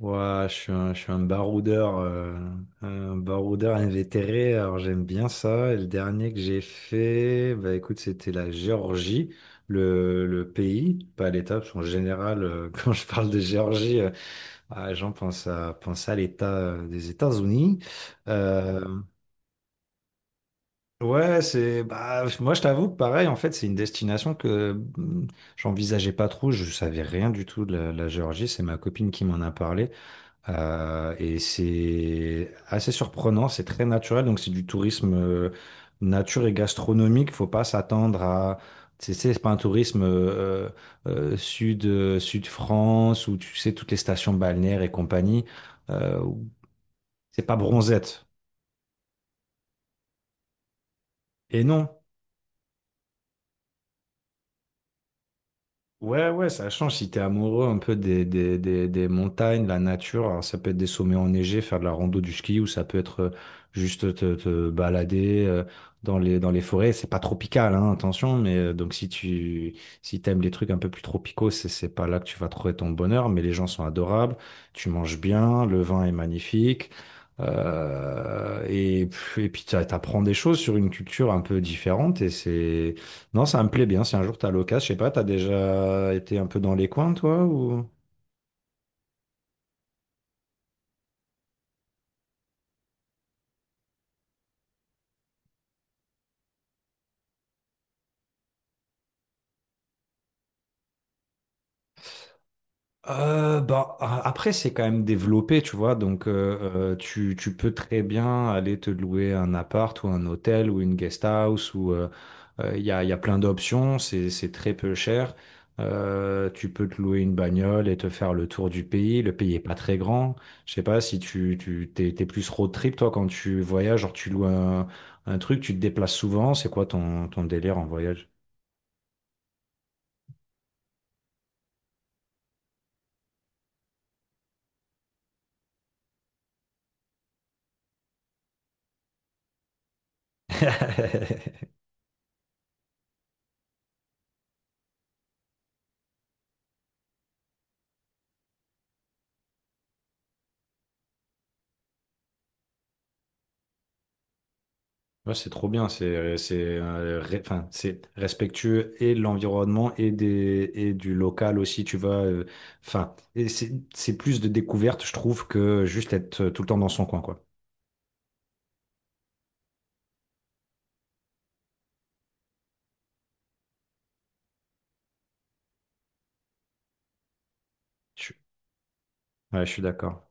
Ouais, je suis un baroudeur, un baroudeur invétéré, alors j'aime bien ça. Et le dernier que j'ai fait, bah écoute, c'était la Géorgie, le pays, pas l'État, parce qu'en général, quand je parle de Géorgie, ah, les gens pensent à l'État des États-Unis. Euh, ouais, c'est, bah, moi je t'avoue que pareil, en fait, c'est une destination que hum, j'envisageais pas trop, je savais rien du tout de la Géorgie, c'est ma copine qui m'en a parlé. Et c'est assez surprenant, c'est très naturel, donc c'est du tourisme nature et gastronomique. Faut pas s'attendre à, tu sais, c'est pas un tourisme sud France où tu sais toutes les stations balnéaires et compagnie. Où c'est pas bronzette. Et non. Ouais, ouais, ça change si t'es amoureux un peu des montagnes, de la nature. Alors, ça peut être des sommets enneigés, faire de la rando, du ski, ou ça peut être juste te balader dans les forêts. C'est pas tropical, hein, attention, mais donc si t'aimes les trucs un peu plus tropicaux, c'est pas là que tu vas trouver ton bonheur, mais les gens sont adorables, tu manges bien, le vin est magnifique. euh, et, et puis t'apprends des choses sur une culture un peu différente, et c'est non, ça me plaît bien. Si un jour t'as l'occasion, je sais pas, t'as déjà été un peu dans les coins, toi, ou? Bah, après, c'est quand même développé, tu vois. Donc, tu peux très bien aller te louer un appart ou un hôtel ou une guest house ou il y a plein d'options. C'est très peu cher. Tu peux te louer une bagnole et te faire le tour du pays. Le pays est pas très grand. Je sais pas si tu t'es plus road trip, toi, quand tu voyages, genre tu loues un truc, tu te déplaces souvent. C'est quoi ton délire en voyage? Ouais, c'est trop bien, enfin, c'est respectueux et de l'environnement et du local aussi, tu vois. Enfin, et c'est plus de découverte, je trouve, que juste être tout le temps dans son coin, quoi. Je, suis- ouais, je suis d'accord.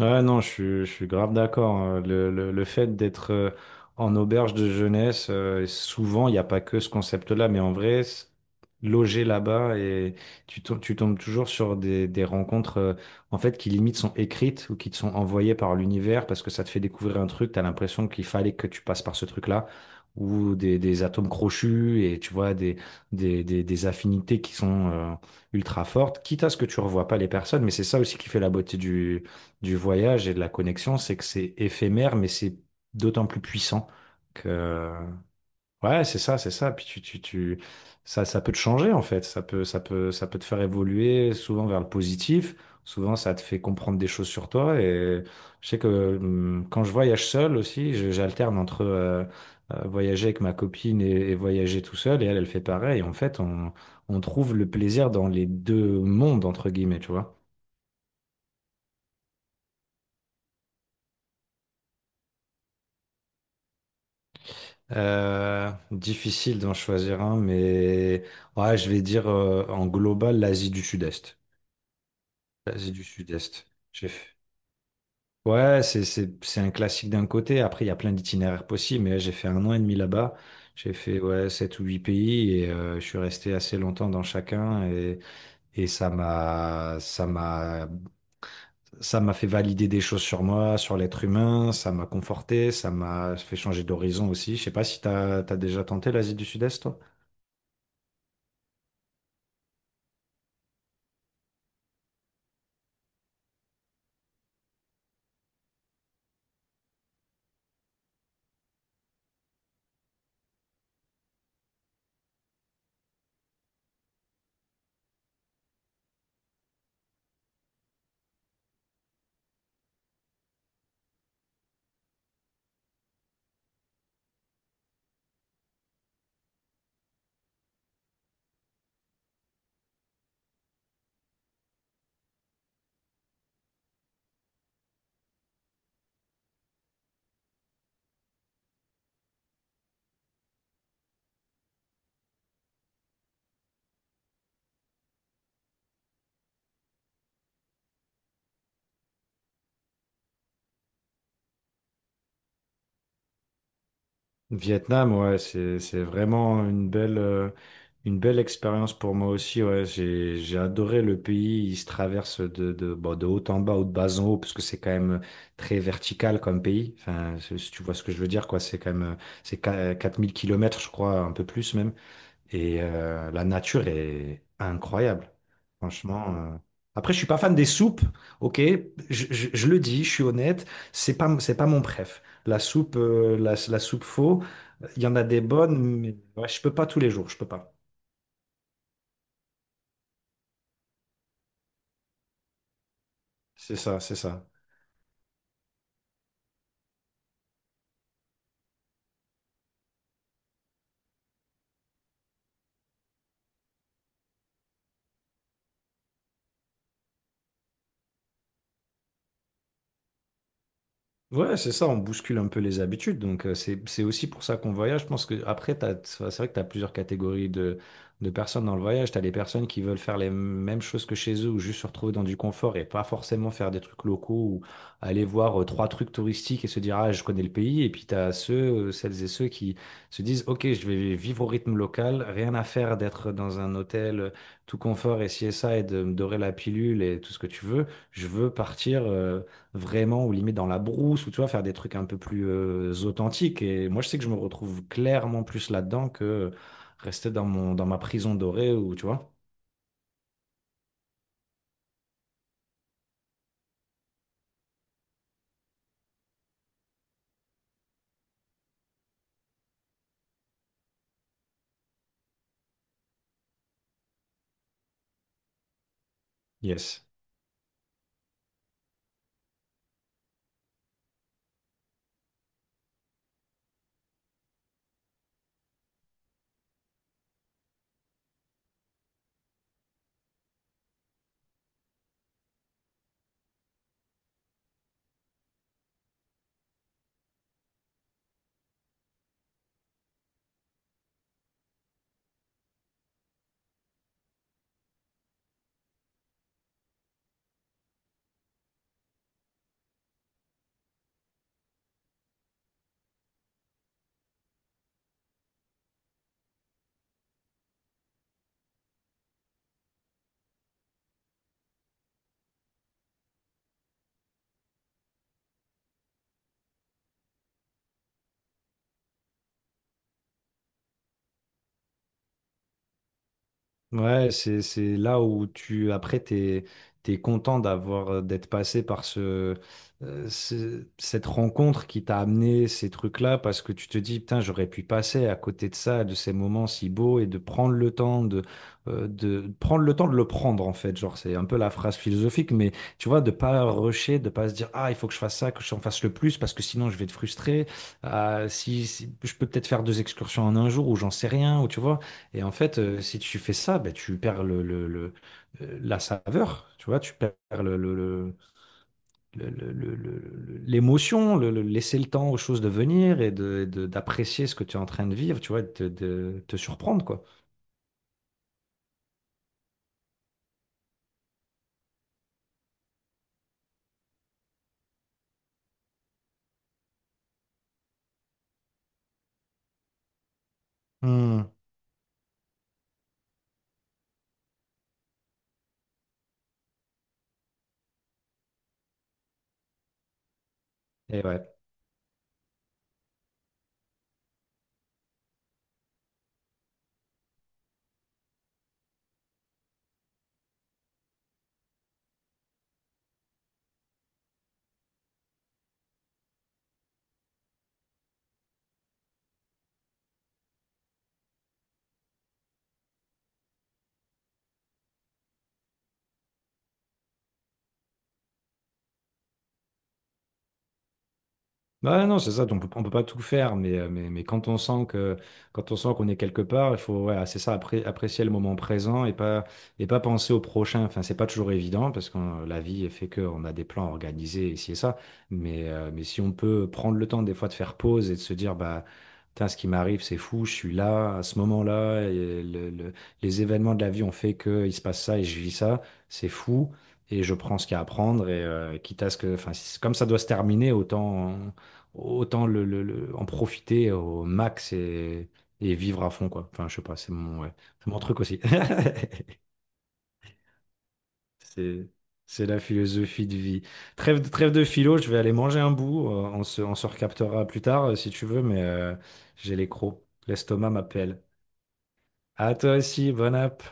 Ouais, non, je suis grave d'accord, hein. Le fait d'être en auberge de jeunesse, et souvent, il n'y a pas que ce concept-là, mais en vrai, loger là-bas et tu tombes toujours sur des rencontres en fait qui limite sont écrites ou qui te sont envoyées par l'univers parce que ça te fait découvrir un truc, tu as l'impression qu'il fallait que tu passes par ce truc-là, ou des atomes crochus et tu vois, des affinités qui sont ultra fortes, quitte à ce que tu revois pas les personnes, mais c'est ça aussi qui fait la beauté du voyage et de la connexion, c'est que c'est éphémère, mais c'est d'autant plus puissant que. Ouais, c'est ça, c'est ça. Puis ça peut te changer en fait. Ça peut te faire évoluer souvent vers le positif. Souvent, ça te fait comprendre des choses sur toi. Et je sais que quand je voyage seul aussi, j'alterne entre voyager avec ma copine et voyager tout seul. Et elle, elle fait pareil. En fait, on trouve le plaisir dans les deux mondes entre guillemets, tu vois. Difficile d'en choisir un, mais ouais, je vais dire en global l'Asie du Sud-Est. L'Asie du Sud-Est. J'ai fait- Ouais, c'est un classique d'un côté. Après, il y a plein d'itinéraires possibles, mais j'ai fait un an et demi là-bas. J'ai fait, ouais, sept ou huit pays et je suis resté assez longtemps dans chacun, et ça m'a fait valider des choses sur moi, sur l'être humain. Ça m'a conforté, ça m'a fait changer d'horizon aussi. Je sais pas si t'as déjà tenté l'Asie du Sud-Est, toi. Vietnam, ouais, c'est vraiment une belle expérience pour moi aussi. Ouais, j'ai adoré le pays. Il se traverse de bon, de haut en bas ou de bas en haut parce que c'est quand même très vertical comme pays. Enfin, si tu vois ce que je veux dire, quoi. C'est quand même 4 000 km, je crois, un peu plus même. Et la nature est incroyable, franchement. Après, je suis pas fan des soupes, ok, je le dis, je suis honnête, c'est pas mon préf. La soupe faux, il y en a des bonnes, mais ouais, je peux pas tous les jours, je peux pas. C'est ça, c'est ça. Ouais, c'est ça, on bouscule un peu les habitudes. Donc, c'est aussi pour ça qu'on voyage. Je pense que après, c'est vrai que tu as plusieurs catégories de personnes dans le voyage. Tu as les personnes qui veulent faire les mêmes choses que chez eux ou juste se retrouver dans du confort et pas forcément faire des trucs locaux ou aller voir trois trucs touristiques et se dire, ah, je connais le pays. Et puis, tu as celles et ceux qui se disent, OK, je vais vivre au rythme local, rien à faire d'être dans un hôtel tout confort et ci et ça et de me dorer la pilule et tout ce que tu veux. Je veux partir. Vraiment ou limite dans la brousse ou tu vois faire des trucs un peu plus authentiques, et moi je sais que je me retrouve clairement plus là-dedans que rester dans ma prison dorée ou tu vois, yes. Ouais, c'est là où tu, après, t'es content d'être passé par cette rencontre qui t'a amené ces trucs-là parce que tu te dis, putain, j'aurais pu passer à côté de ça, de ces moments si beaux, et de prendre le temps de prendre le temps de le prendre, en fait. Genre, c'est un peu la phrase philosophique, mais tu vois, de pas rusher, de pas se dire, ah, il faut que je fasse ça, que j'en fasse le plus parce que sinon je vais te frustrer. Ah, je peux peut-être faire deux excursions en un jour ou j'en sais rien, ou tu vois. Et en fait, si tu fais ça, ben, tu perds la saveur, tu vois, tu perds le, le- le- l'émotion, laisser le temps aux choses de venir et d'apprécier ce que tu es en train de vivre, tu vois, et de te surprendre, quoi. Hmm. Et ouais. Ouais, non, c'est ça, on peut pas tout faire, mais quand on sent qu'on est quelque part, il faut, voilà, c'est ça, apprécier le moment présent et pas penser au prochain. Enfin, c'est pas toujours évident parce que la vie fait qu'on a des plans organisés ici et ça, mais si on peut prendre le temps des fois de faire pause et de se dire, bah, putain, ce qui m'arrive, c'est fou, je suis là, à ce moment-là, et les événements de la vie ont fait que il se passe ça et je vis ça, c'est fou. Et je prends ce qu'il y a à prendre et quitte à ce que, enfin, comme ça doit se terminer, autant en profiter au max, et vivre à fond, quoi. Enfin, je sais pas, c'est mon, ouais, c'est mon truc aussi. C'est, c'est la philosophie de vie. Trêve de philo, je vais aller manger un bout. On se recaptera plus tard si tu veux, mais j'ai les crocs. L'estomac m'appelle. À toi aussi, bonne app.